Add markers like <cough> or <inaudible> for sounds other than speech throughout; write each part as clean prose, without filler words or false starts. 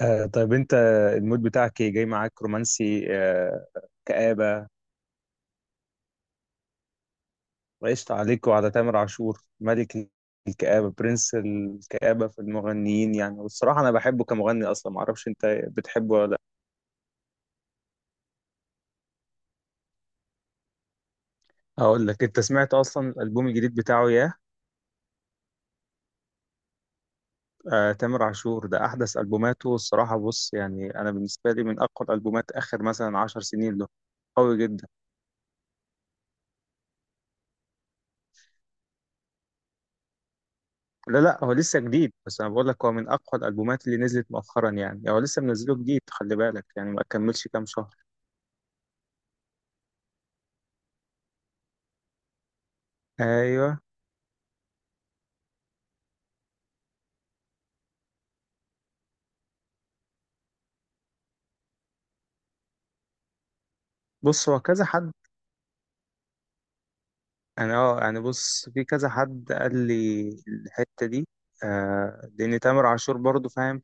طيب انت، المود بتاعك ايه؟ جاي معاك رومانسي؟ كآبة. وقشطة عليك وعلى تامر عاشور، ملك الكآبة، برنس الكآبة في المغنيين يعني. والصراحة انا بحبه كمغني، اصلا معرفش انت بتحبه ولا لا. اقول لك، انت سمعت اصلا الالبوم الجديد بتاعه؟ ياه. تامر عاشور ده احدث البوماته الصراحة. بص يعني انا بالنسبة لي من اقوى الالبومات اخر مثلا 10 سنين له، قوي جدا. لا، لا، هو لسه جديد، بس انا بقول لك هو من اقوى الالبومات اللي نزلت مؤخرا يعني، هو لسه منزله جديد، خلي بالك يعني ما كملش كام شهر. ايوه. بص هو كذا حد. انا، يعني، بص في كذا حد قال لي الحته دي. لان تامر عاشور برضو فاهم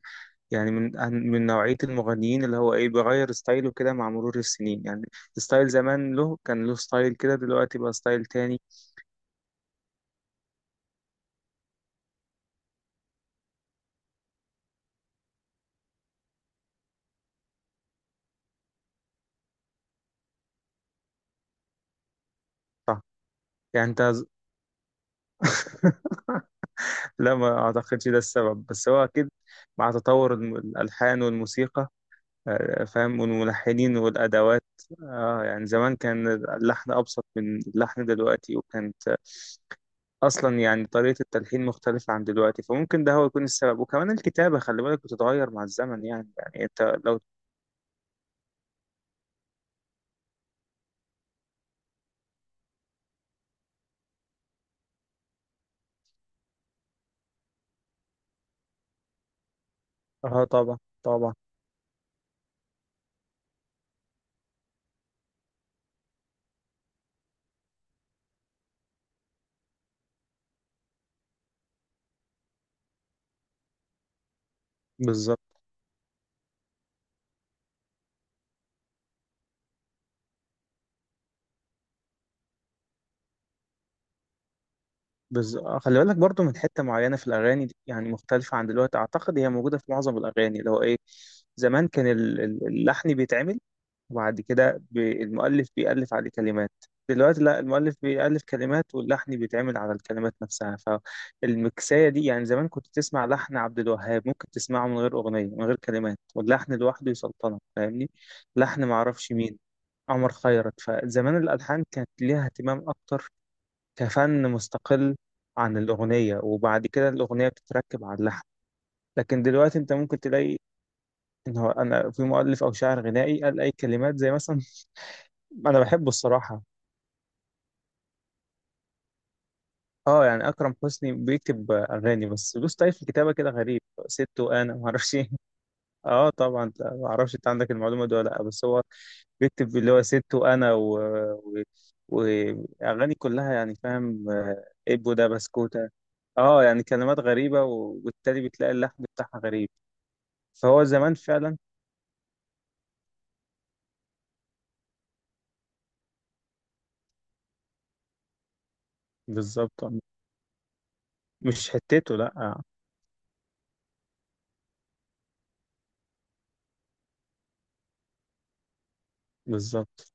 يعني، من نوعيه المغنيين اللي هو ايه بيغير ستايله كده مع مرور السنين يعني. ستايل زمان، له كان له ستايل كده، دلوقتي بقى ستايل تاني. صح. يعني انت <laughs> لا، ما اعتقدش ده السبب، بس هو اكيد مع تطور الالحان والموسيقى، فاهم، والملحنين والادوات. اه يعني زمان كان اللحن ابسط من اللحن دلوقتي، وكانت اصلا يعني طريقة التلحين مختلفة عن دلوقتي، فممكن ده هو يكون السبب. وكمان الكتابة خلي بالك بتتغير مع الزمن يعني انت لو اه طبعا طبعا. بالظبط. بز... آه، خلي بالك برضو من حتة معينة في الأغاني دي يعني، مختلفة عن دلوقتي، أعتقد هي موجودة في معظم الأغاني اللي هو إيه. زمان كان اللحن بيتعمل، وبعد كده المؤلف بيألف عليه كلمات. دلوقتي لا، المؤلف بيألف كلمات، واللحن بيتعمل على الكلمات نفسها. فالمكساية دي يعني، زمان كنت تسمع لحن عبد الوهاب ممكن تسمعه من غير أغنية، من غير كلمات، واللحن لوحده يسلطنك، فاهمني؟ لحن معرفش مين، عمر خيرت. فزمان الألحان كانت ليها اهتمام أكتر، كفن مستقل عن الأغنية، وبعد كده الأغنية بتتركب على اللحن. لكن دلوقتي أنت ممكن تلاقي إن هو أنا في مؤلف أو شاعر غنائي قال أي كلمات زي مثلا <laughs> أنا بحبه الصراحة. أه يعني أكرم حسني بيكتب أغاني، بس له ستايل في الكتابة كده غريب، ست وأنا معرفش إيه. اه طبعا، ما اعرفش انت عندك المعلومه دي ولا لا، بس هو بيكتب اللي هو ست وانا و... واغاني، كلها يعني فاهم، ابو ده بسكوته. اه يعني كلمات غريبه، وبالتالي بتلاقي اللحن بتاعها غريب. فهو زمان فعلا. بالظبط، مش حتته لا. بالظبط.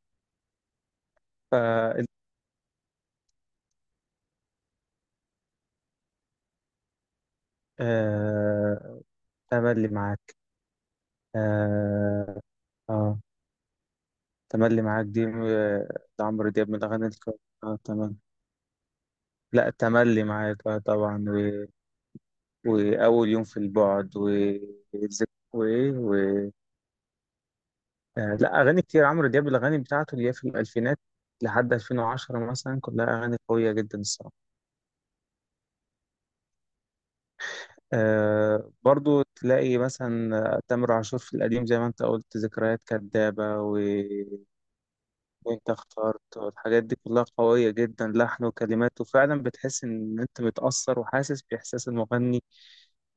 ف آه... تملي معاك. اه. آه... تملي معاك دي لعمرو دياب من الاغاني. اه تمام. لا، تملي معاك اه طبعا، واول يوم في البعد، وايه و... آه، لا اغاني كتير عمرو دياب، الاغاني بتاعته اللي هي في الالفينات لحد 2010 مثلا، كلها اغاني قويه جدا الصراحه. برضو تلاقي مثلا تامر عاشور في القديم زي ما انت قلت، ذكريات كدابه وانت اخترت، والحاجات دي كلها قويه جدا، لحن وكلمات، وفعلا بتحس ان انت متاثر وحاسس باحساس المغني.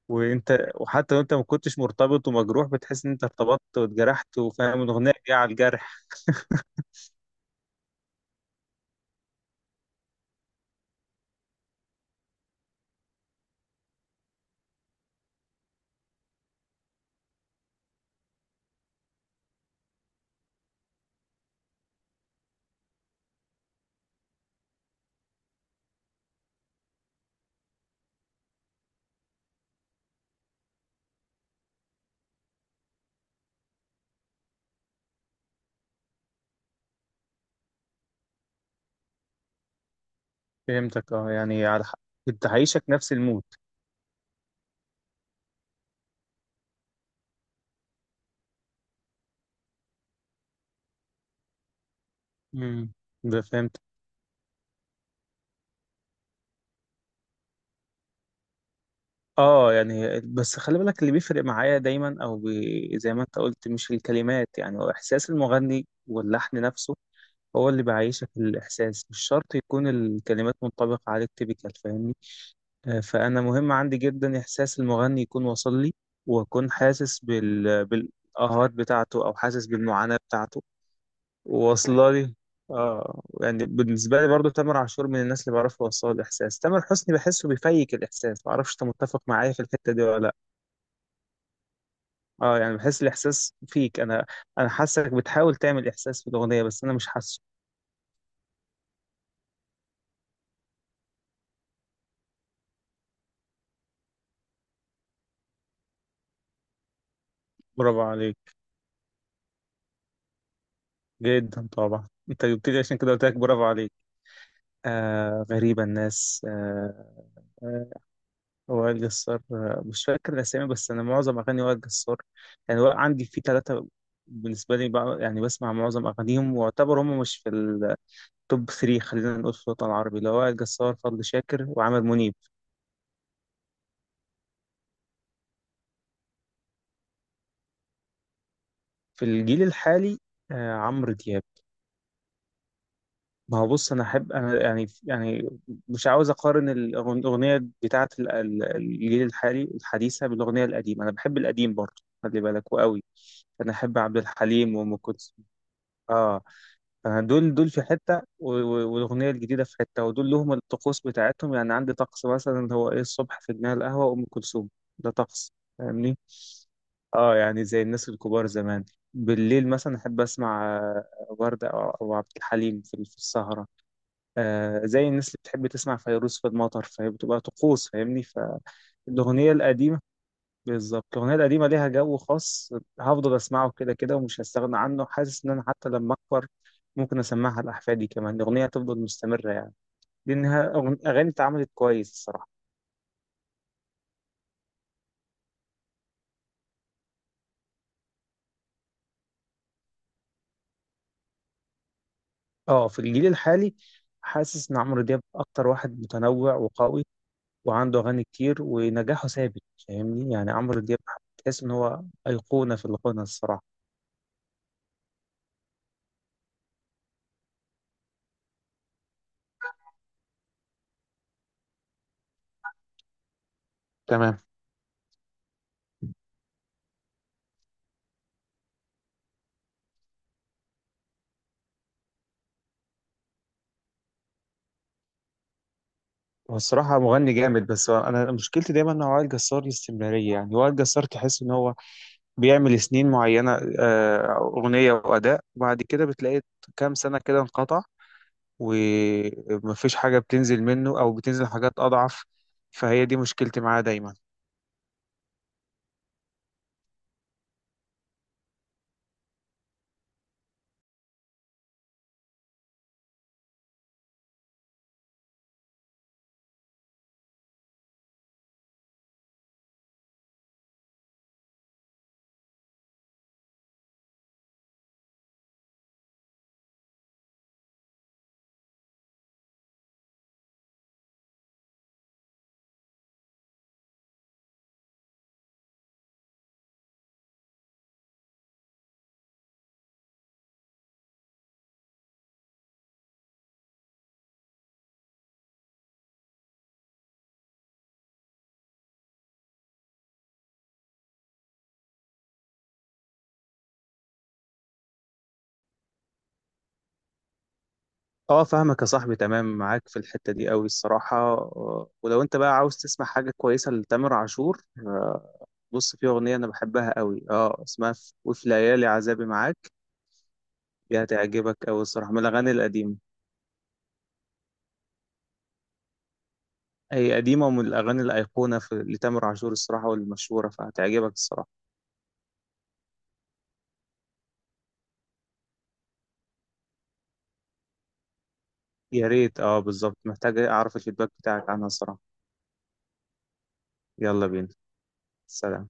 وحتى لو انت ما كنتش مرتبط ومجروح، بتحس ان انت ارتبطت واتجرحت، وفاهم الاغنيه جايه على الجرح. فهمتك، اه يعني على حق، انت عايشك نفس المود. امم، ده فهمت. اه يعني بس خلي بالك، اللي بيفرق معايا دايما، او بي زي ما انت قلت، مش الكلمات، يعني هو احساس المغني واللحن نفسه، هو اللي بيعيشك الاحساس، مش شرط يكون الكلمات منطبقه عليك تيبيكال، فاهمني؟ فانا مهم عندي جدا احساس المغني يكون واصل لي، واكون حاسس بالآهات بتاعته، او حاسس بالمعاناه بتاعته، واصله لي. اه يعني بالنسبه لي برضو، تامر عاشور من الناس اللي بعرفه يوصل الاحساس، تامر حسني بحسه بيفيك الاحساس، ما اعرفش انت متفق معايا في الحته دي ولا لا. اه يعني بحس الاحساس فيك، انا انا حاسك بتحاول تعمل احساس في الاغنيه، بس انا مش حاسه. برافو عليك. جدا طبعا، انت جبت لي عشان كده قلت لك برافو عليك. آه غريبه الناس، آه، وائل جسار، مش فاكر الأسامي، بس أنا معظم أغاني وائل جسار يعني، عندي في 3 بالنسبة لي بقى، يعني بسمع معظم أغانيهم، واعتبر هم مش في التوب 3، خلينا نقول في الوطن العربي، اللي هو وائل جسار، فضل شاكر، وعامر منيب. في الجيل الحالي عمرو دياب. ما هو بص، أنا أحب، أنا يعني مش عاوز أقارن الأغنية بتاعة الجيل الحالي الحديثة بالأغنية القديمة. أنا بحب القديم برضه خلي بالك، وقوي. أنا أحب عبد الحليم وأم كلثوم. آه. دول دول في حتة، والأغنية الجديدة في حتة، ودول لهم الطقوس بتاعتهم يعني. عندي طقس مثلا هو إيه، الصبح في جناح القهوة أم كلثوم، ده طقس، فاهمني؟ اه يعني زي الناس الكبار زمان. بالليل مثلا أحب أسمع وردة أو عبد الحليم في السهرة. زي الناس اللي بتحب تسمع فيروز في المطر، فهي بتبقى طقوس، فاهمني؟ فالأغنية القديمة، بالظبط الأغنية القديمة ليها جو خاص، هفضل أسمعه كده كده، ومش هستغنى عنه. حاسس إن أنا حتى لما أكبر ممكن أسمعها لأحفادي كمان، الأغنية هتفضل مستمرة يعني، لأنها أغاني اتعملت كويس الصراحة. أه في الجيل الحالي، حاسس إن عمرو دياب أكتر واحد متنوع وقوي، وعنده أغاني كتير، ونجاحه ثابت، فاهمني؟ يعني عمرو دياب تحس إن هو أيقونة في الغنى الصراحة. تمام. هو الصراحة مغني جامد، بس أنا مشكلتي دايما مع وائل جسار الاستمرارية، يعني وائل جسار تحس إن هو بيعمل سنين معينة أغنية وأداء، وبعد كده بتلاقي كام سنة كده انقطع، ومفيش حاجة بتنزل منه، أو بتنزل حاجات أضعف، فهي دي مشكلتي معاه دايما. اه فاهمك يا صاحبي، تمام معاك في الحتة دي قوي الصراحة، ولو انت بقى عاوز تسمع حاجة كويسة لتامر عاشور، بص في أغنية أنا بحبها قوي اسمها في وفي ليالي عذابي معاك، دي هتعجبك قوي الصراحة، من الأغاني القديمة، هي قديمة ومن الأغاني الأيقونة في لتامر عاشور الصراحة والمشهورة، فهتعجبك الصراحة. يا ريت، بالظبط محتاج اعرف الفيدباك بتاعك عنها الصراحة. يلا بينا. سلام.